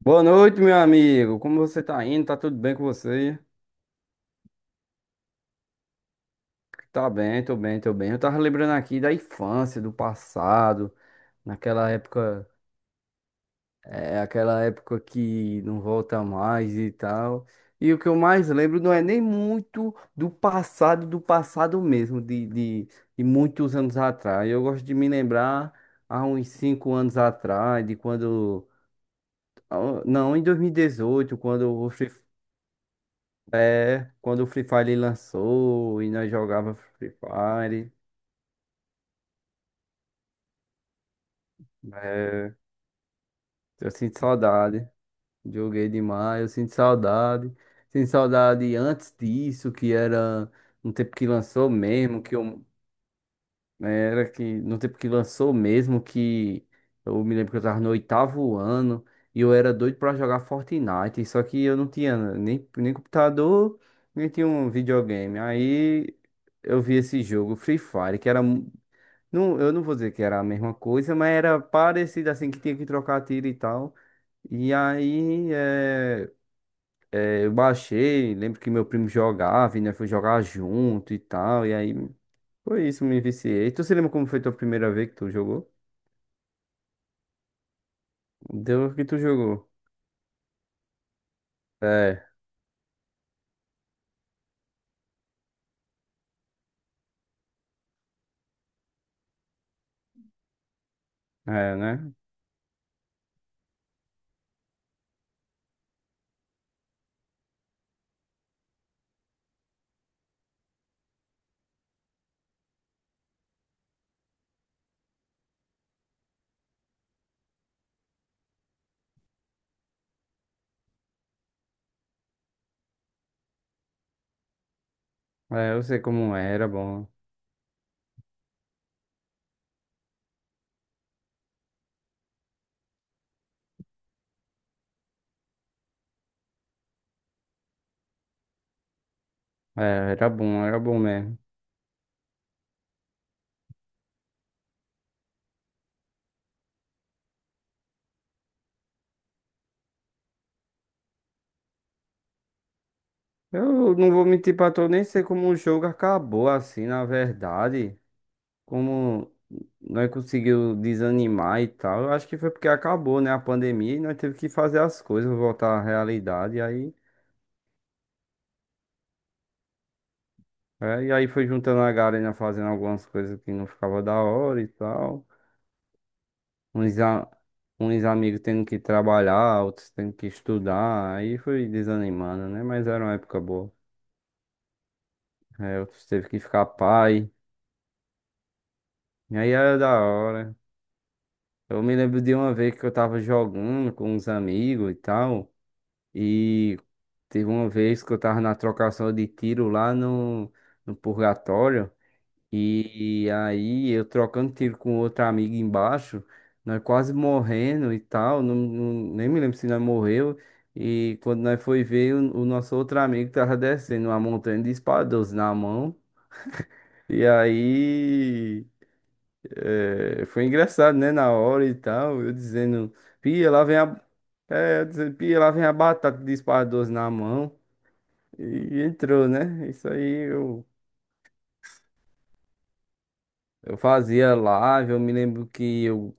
Boa noite, meu amigo. Como você tá indo? Tá tudo bem com você? Tá bem, tô bem, tô bem. Eu tava lembrando aqui da infância, do passado, naquela época, aquela época que não volta mais e tal. E o que eu mais lembro não é nem muito do passado mesmo, de muitos anos atrás. Eu gosto de me lembrar há uns 5 anos atrás, de quando. Ah, não, em 2018, quando você. É, quando o Free Fire lançou e nós jogava Free Fire, é, eu sinto saudade. Joguei demais, eu sinto saudade. Sinto saudade antes disso, que era no tempo que lançou mesmo, que eu era que no tempo que lançou mesmo, que eu me lembro que eu tava no oitavo ano e eu era doido pra jogar Fortnite, só que eu não tinha nem computador, nem tinha um videogame. Aí eu vi esse jogo, Free Fire, não, eu não vou dizer que era a mesma coisa, mas era parecido assim, que tinha que trocar tiro e tal. E aí eu baixei, lembro que meu primo jogava, e nós foi jogar junto e tal. E aí foi isso, me viciei. Tu se lembra como foi tua primeira vez que tu jogou? Deu que tu jogou. É, é, né? É, eu sei como é, era bom. É, era bom mesmo. Eu não vou mentir pra tu, eu nem sei como o jogo acabou assim, na verdade. Como nós conseguiu desanimar e tal, eu acho que foi porque acabou, né, a pandemia e nós teve que fazer as coisas, voltar à realidade, e aí, e aí foi juntando a galera fazendo algumas coisas que não ficava da hora e tal, uns, a- uns amigos tendo que trabalhar, outros tendo que estudar, aí foi desanimando, né, mas era uma época boa, é, outros teve que ficar pai, e aí era da hora. Eu me lembro de uma vez que eu tava jogando com uns amigos e tal. E teve uma vez que eu tava na trocação de tiro lá no purgatório. E aí eu trocando tiro com outra amiga embaixo, nós quase morrendo e tal, não, não- nem me lembro se nós morreu. E quando nós foi ver, o nosso outro amigo tava descendo uma montanha de espada 12 na mão. E aí foi engraçado, né? Na hora e tal, eu dizendo, pia, lá vem a. É, eu dizendo, pia, lá vem a batata de espada 12 na mão. E entrou, né? Isso aí eu fazia live, eu me lembro que eu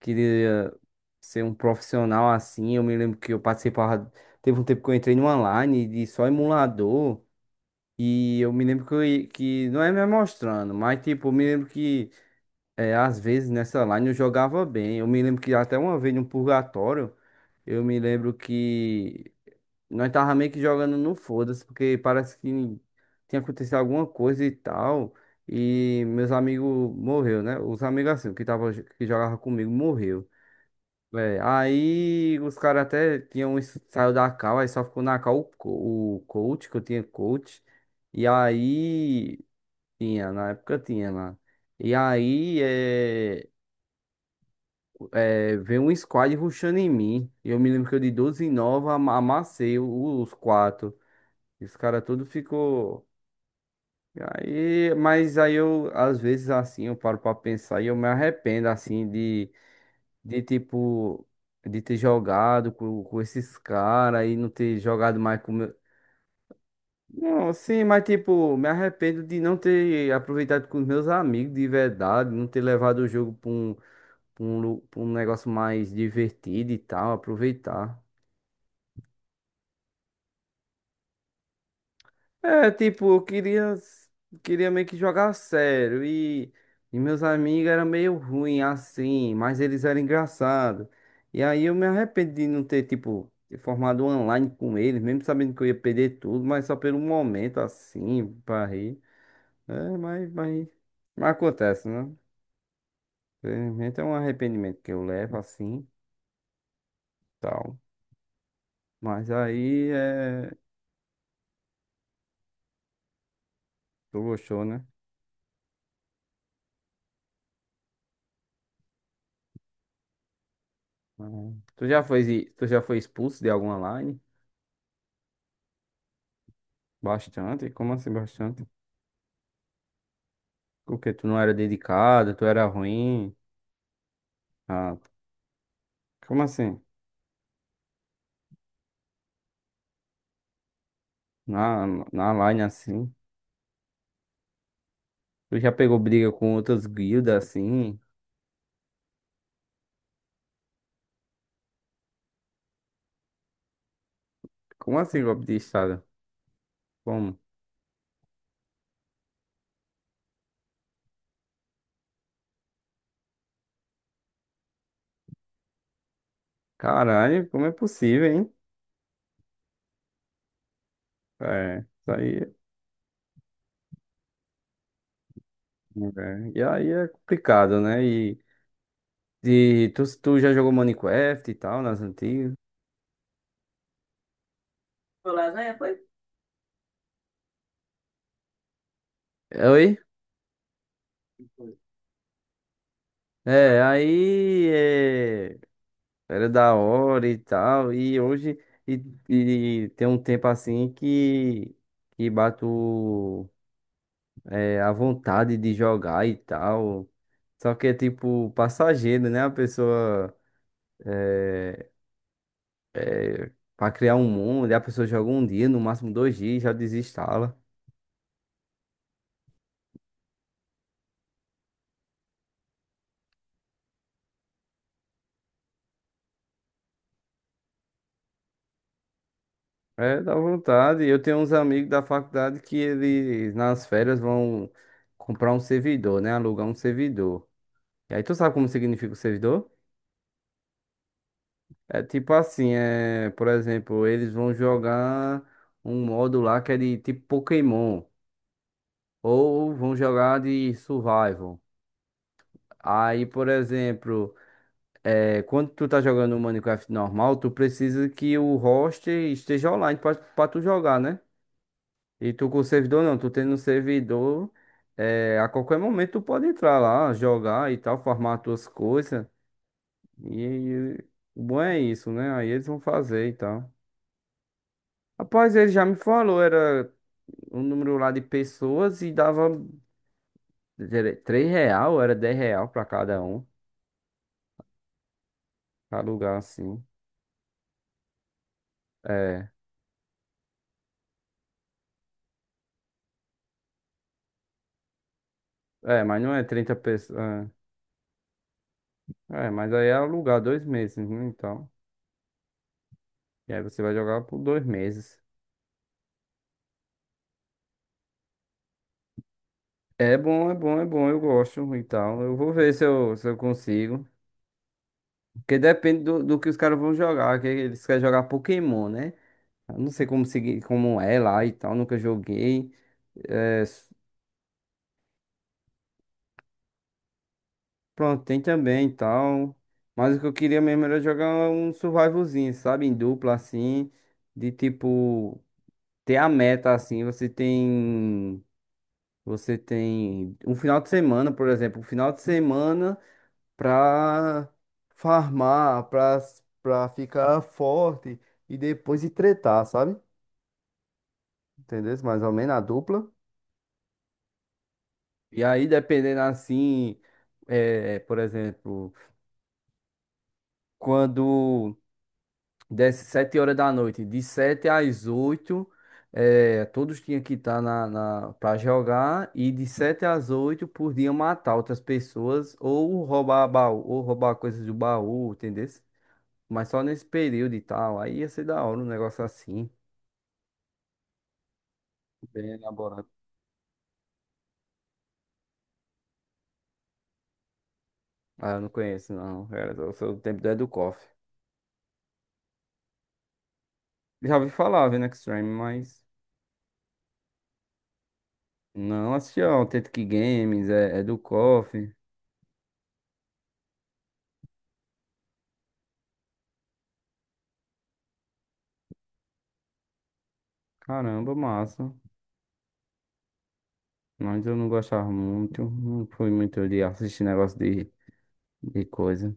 queria ser um profissional assim, eu me lembro que eu participava, teve um tempo que eu entrei numa line de só emulador, e eu me lembro que, que não é me mostrando, mas tipo, eu me lembro que às vezes nessa line eu jogava bem, eu me lembro que até uma vez no purgatório, eu me lembro que nós tava meio que jogando no foda-se, porque parece que tinha acontecido alguma coisa e tal. E meus amigos morreu, né? Os amigos assim, que tava, que jogava comigo, morreu. É, aí os caras até tinham isso- saiu da cal, aí só ficou na cal o coach, que eu tinha coach. E aí tinha, na época tinha lá. E aí veio um squad rushando em mim. E eu me lembro que eu de 12 e 9 amassei os quatro. E os caras tudo ficou. E aí, mas aí eu, às vezes, assim, eu paro pra pensar e eu me arrependo, assim, de tipo, de ter jogado com esses caras e não ter jogado mais com meu... Não, sim, mas tipo, me arrependo de não ter aproveitado com os meus amigos de verdade, não ter levado o jogo pra um, pra um negócio mais divertido e tal, aproveitar. É, tipo, eu queria meio que jogar a sério. E meus amigos eram meio ruim assim, mas eles eram engraçados. E aí eu me arrependi de não ter, tipo, ter formado um online com eles, mesmo sabendo que eu ia perder tudo, mas só pelo momento assim, pra rir. É, mas acontece, né? Infelizmente é um arrependimento que eu levo assim, tal. Mas aí é. Tu gostou, né? Ah. Tu já foi expulso de algum online? Bastante? Como assim bastante? Porque tu não era dedicado, tu era ruim. Ah, como assim? Na, na line assim? Tu já pegou briga com outras guildas assim? Como assim golpe de estado? Como? Caralho, como é possível, hein? É, isso aí. E aí é complicado, né? E tu já jogou Minecraft e tal, nas antigas? Foi lasanha, foi? É, oi? Foi. É, aí. Era da hora e tal. E hoje e, e tem um tempo assim que bato a vontade de jogar e tal. Só que é tipo passageiro, né? A pessoa é, para criar um mundo, e a pessoa joga um dia, no máximo 2 dias, já desinstala. É, dá vontade. Eu tenho uns amigos da faculdade que eles nas férias vão comprar um servidor, né? Alugar um servidor. E aí tu sabe como significa o servidor? É tipo assim, por exemplo, eles vão jogar um modo lá que é de tipo Pokémon, ou vão jogar de Survival. Aí, por exemplo, quando tu tá jogando o Minecraft normal, tu precisa que o host esteja online pra tu jogar, né? E tu com o servidor não, tu tendo um servidor, a qualquer momento tu pode entrar lá, jogar e tal, farmar as tuas coisas. E, e o bom é isso, né? Aí eles vão fazer e tal. Rapaz, ele já me falou, era um número lá de pessoas e dava era 3 real, era 10 real pra cada um, pra alugar assim. É, é, mas não é 30 pessoas. É, é, mas aí é alugar 2 meses, né? Então, e aí você vai jogar por 2 meses. É bom, é bom, é bom, eu gosto e tal. Eu vou ver se eu, se eu consigo. Porque depende do que os caras vão jogar, que eles querem jogar Pokémon, né? Eu não sei como seguir, como é lá e tal, nunca joguei. É, pronto, tem também e tal. Mas o que eu queria mesmo era jogar um survivalzinho, sabe? Em dupla, assim. De tipo, ter a meta, assim. Você tem. Você tem um final de semana, por exemplo. Um final de semana pra farmar, pra ficar forte. E depois ir tretar, sabe? Entendeu? Mais ou menos a dupla. E aí, dependendo assim. É, por exemplo, quando. Desce 7 horas da noite, de 7 às 8 todos tinham que estar para jogar, e de 7 às 8 podiam matar outras pessoas, ou roubar baú, ou roubar coisas do baú, entendeu? Mas só nesse período e tal, aí ia ser da hora um negócio assim, bem elaborado. Ah, eu não conheço, não, era eu sou do tempo do Educoff. Já ouvi falar, vendo Extreme, mas não assisti ao Authentic Games, é do Educoff, caramba, massa. Mas eu não gostava muito, não fui muito de assistir negócio de coisa.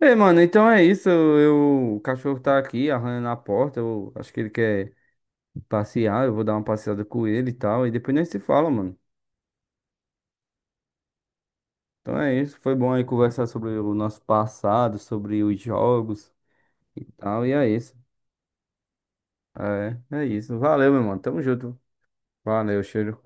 Ei, mano, então é isso. O cachorro tá aqui arranhando a porta. Eu acho que ele quer passear. Eu vou dar uma passeada com ele e tal. E depois nem se fala, mano. Então é isso. Foi bom aí conversar sobre o nosso passado, sobre os jogos e tal. E é isso. É, é isso. Valeu, meu mano. Tamo junto. Valeu, cheiro.